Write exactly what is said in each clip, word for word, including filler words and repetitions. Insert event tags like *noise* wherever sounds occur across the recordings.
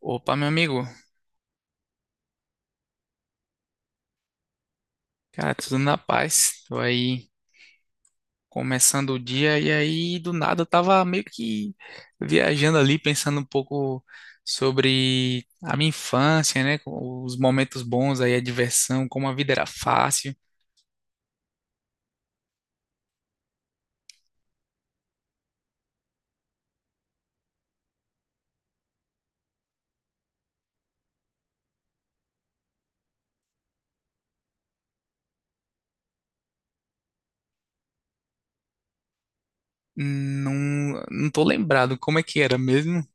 Opa, meu amigo. Cara, tudo na paz. Tô aí começando o dia e aí do nada eu tava meio que viajando ali, pensando um pouco sobre a minha infância, né? Com os momentos bons aí, a diversão, como a vida era fácil. Não, não tô lembrado como é que era mesmo.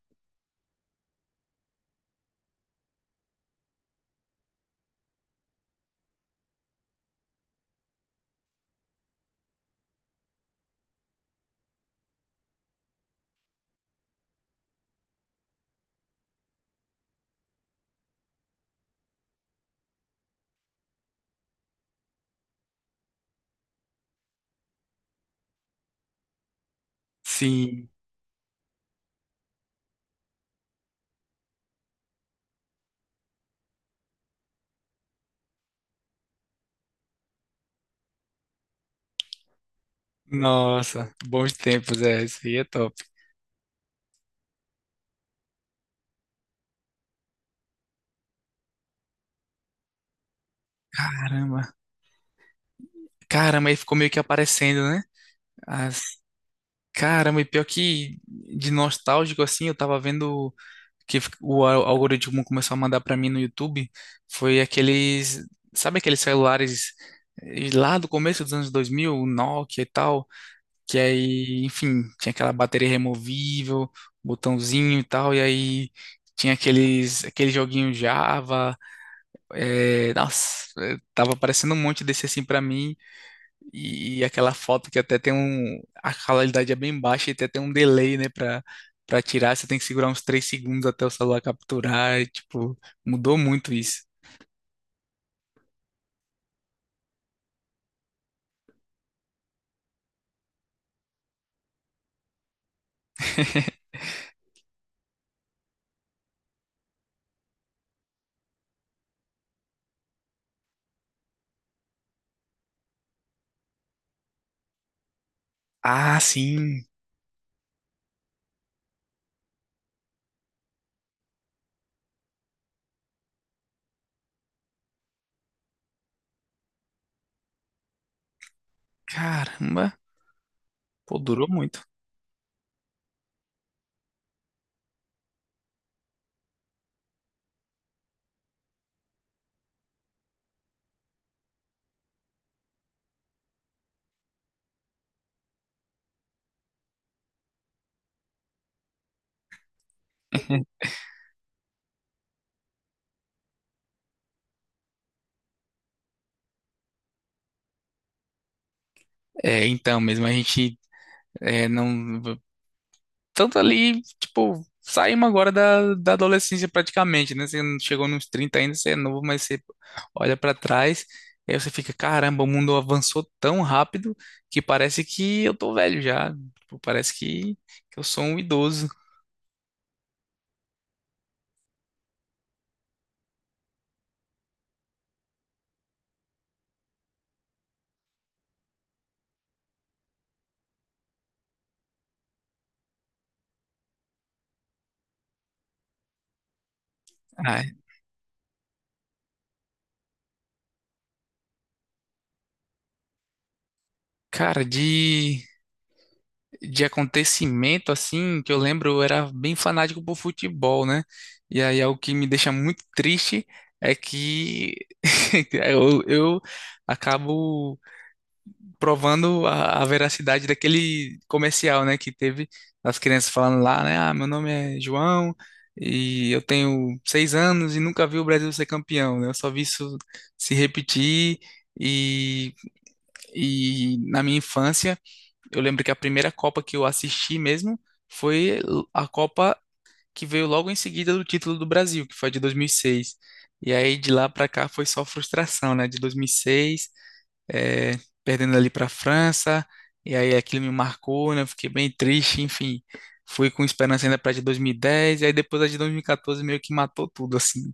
Sim. Nossa, bons tempos, é, isso aí é top. Caramba. Caramba, aí ficou meio que aparecendo, né? Caramba, e pior que de nostálgico assim, eu tava vendo que o al- algoritmo começou a mandar pra mim no YouTube, foi aqueles, sabe aqueles celulares eh, lá do começo dos anos dois mil, o Nokia e tal, que aí, enfim, tinha aquela bateria removível, botãozinho e tal, e aí tinha aqueles, aquele joguinho Java, eh, nossa, eh, tava aparecendo um monte desse assim pra mim, e, e aquela foto que até tem um. A qualidade é bem baixa e até tem um delay, né, pra, pra tirar. Você tem que segurar uns três segundos até o celular capturar. E, tipo, mudou muito isso. *laughs* Ah, sim. Caramba. Pô, durou muito. *laughs* É, então, mesmo a gente é, não tanto ali, tipo, saímos agora da, da adolescência praticamente, né? Você não chegou nos trinta ainda, você é novo, mas você olha pra trás, e aí você fica, caramba, o mundo avançou tão rápido que parece que eu tô velho já. Tipo, parece que, que eu sou um idoso. Ah, cara, de, de acontecimento assim, que eu lembro, eu era bem fanático por futebol, né? E aí algo que me deixa muito triste é que *laughs* eu, eu acabo provando a, a veracidade daquele comercial, né, que teve as crianças falando lá, né, ah, meu nome é João e eu tenho seis anos e nunca vi o Brasil ser campeão, né, eu só vi isso se repetir e, e na minha infância eu lembro que a primeira Copa que eu assisti mesmo foi a Copa que veio logo em seguida do título do Brasil, que foi a de dois mil e seis. E seis. E aí de lá para cá foi só frustração, né? De dois mil e seis eh, perdendo ali para a França, e aí aquilo me marcou, né? Eu fiquei bem triste, enfim. Fui com esperança ainda para a de dois mil e dez, e dez, e aí depois a de dois mil e quatorze meio que matou tudo, assim.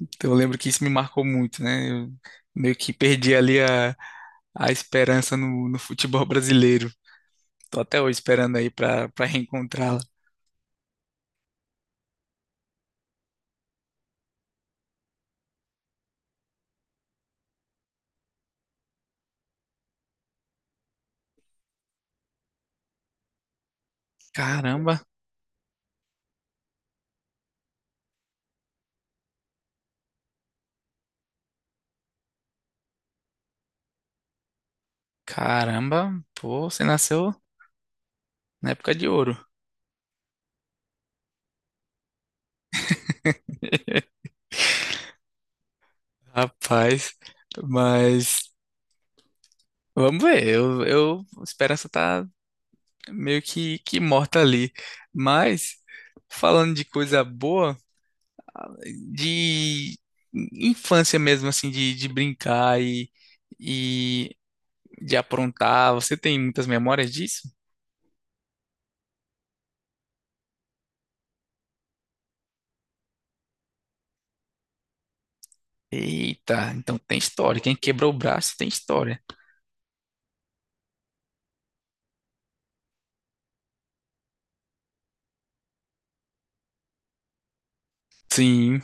Então eu lembro que isso me marcou muito, né? Eu meio que perdi ali a, a esperança no, no futebol *laughs* brasileiro. Tô até hoje esperando aí para para reencontrá-la. Caramba, caramba, pô, você nasceu na época de ouro. *laughs* Rapaz, mas vamos ver, eu, eu, a esperança tá meio que, que morta ali. Mas, falando de coisa boa, de infância mesmo, assim, de, de brincar e, e de aprontar, você tem muitas memórias disso? Eita, então tem história. Quem quebrou o braço tem história. Sim,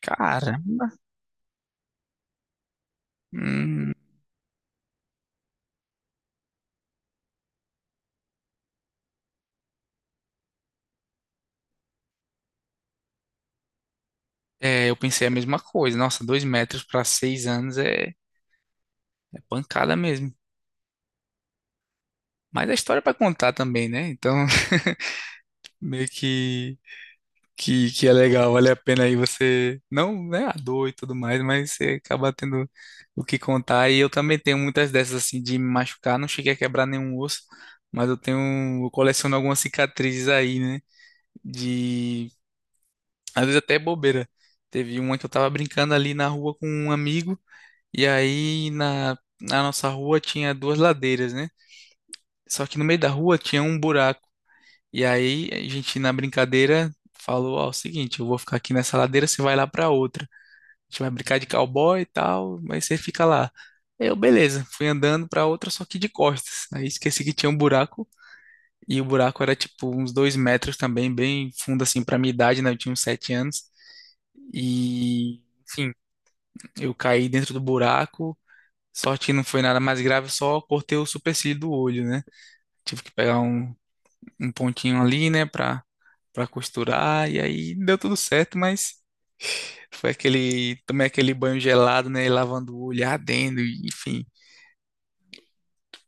cara. Hum, é, eu pensei a mesma coisa. Nossa, dois metros para seis anos é, é pancada mesmo. Mas a história é para contar também, né? Então, meio que, que, que é legal, vale a pena aí você, não, né, a dor e tudo mais, mas você acaba tendo o que contar. E eu também tenho muitas dessas, assim, de me machucar, não cheguei a quebrar nenhum osso, mas eu tenho, eu coleciono algumas cicatrizes aí, né, de, às vezes até bobeira. Teve uma que eu tava brincando ali na rua com um amigo, e aí na, na nossa rua tinha duas ladeiras, né? Só que no meio da rua tinha um buraco. E aí a gente, na brincadeira, falou: "Ó, é o seguinte, eu vou ficar aqui nessa ladeira, você vai lá pra outra. A gente vai brincar de cowboy e tal, mas você fica lá." Eu, beleza, fui andando pra outra, só que de costas. Aí esqueci que tinha um buraco, e o buraco era tipo uns dois metros também, bem fundo assim pra minha idade, né? Eu tinha uns sete anos. E, enfim, eu caí dentro do buraco. Sorte que não foi nada mais grave, só cortei o supercílio do olho, né? Tive que pegar um, um pontinho ali, né, pra para costurar, e aí deu tudo certo, mas foi aquele, também aquele banho gelado, né, lavando o olho, ardendo, e, enfim,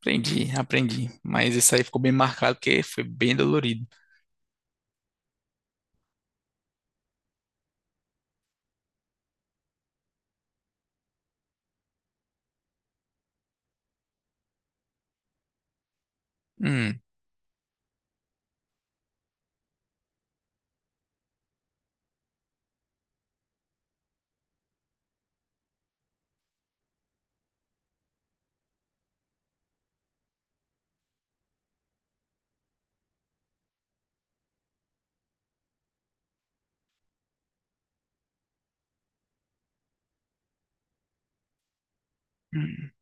aprendi, aprendi, mas isso aí ficou bem marcado, porque foi bem dolorido. Hum, hum,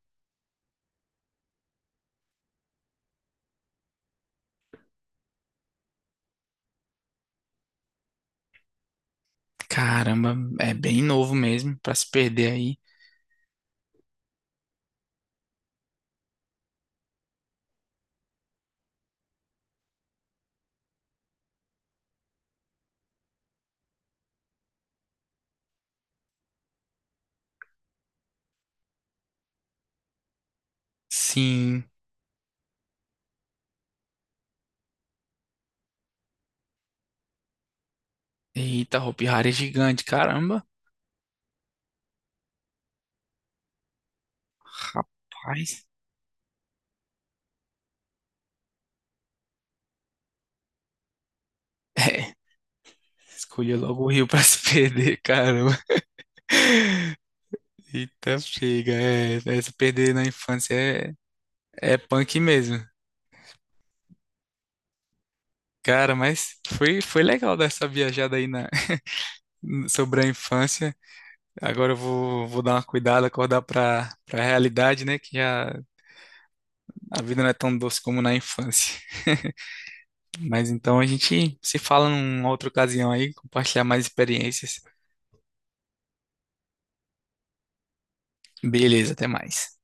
caramba, é bem novo mesmo, para se perder aí. Sim. Eita, Hopi Hari é gigante, caramba. Rapaz. É, escolheu logo o Rio pra *laughs* se perder, caramba. Eita, chega. É, é, se perder na infância é, é punk mesmo. Cara, mas foi, foi legal dar essa viajada aí na, *laughs* sobre a infância. Agora eu vou, vou dar uma cuidada, acordar pra, pra realidade, né? Que a, a vida não é tão doce como na infância. Mas então a gente se fala numa outra ocasião aí, compartilhar mais experiências. Beleza, até mais.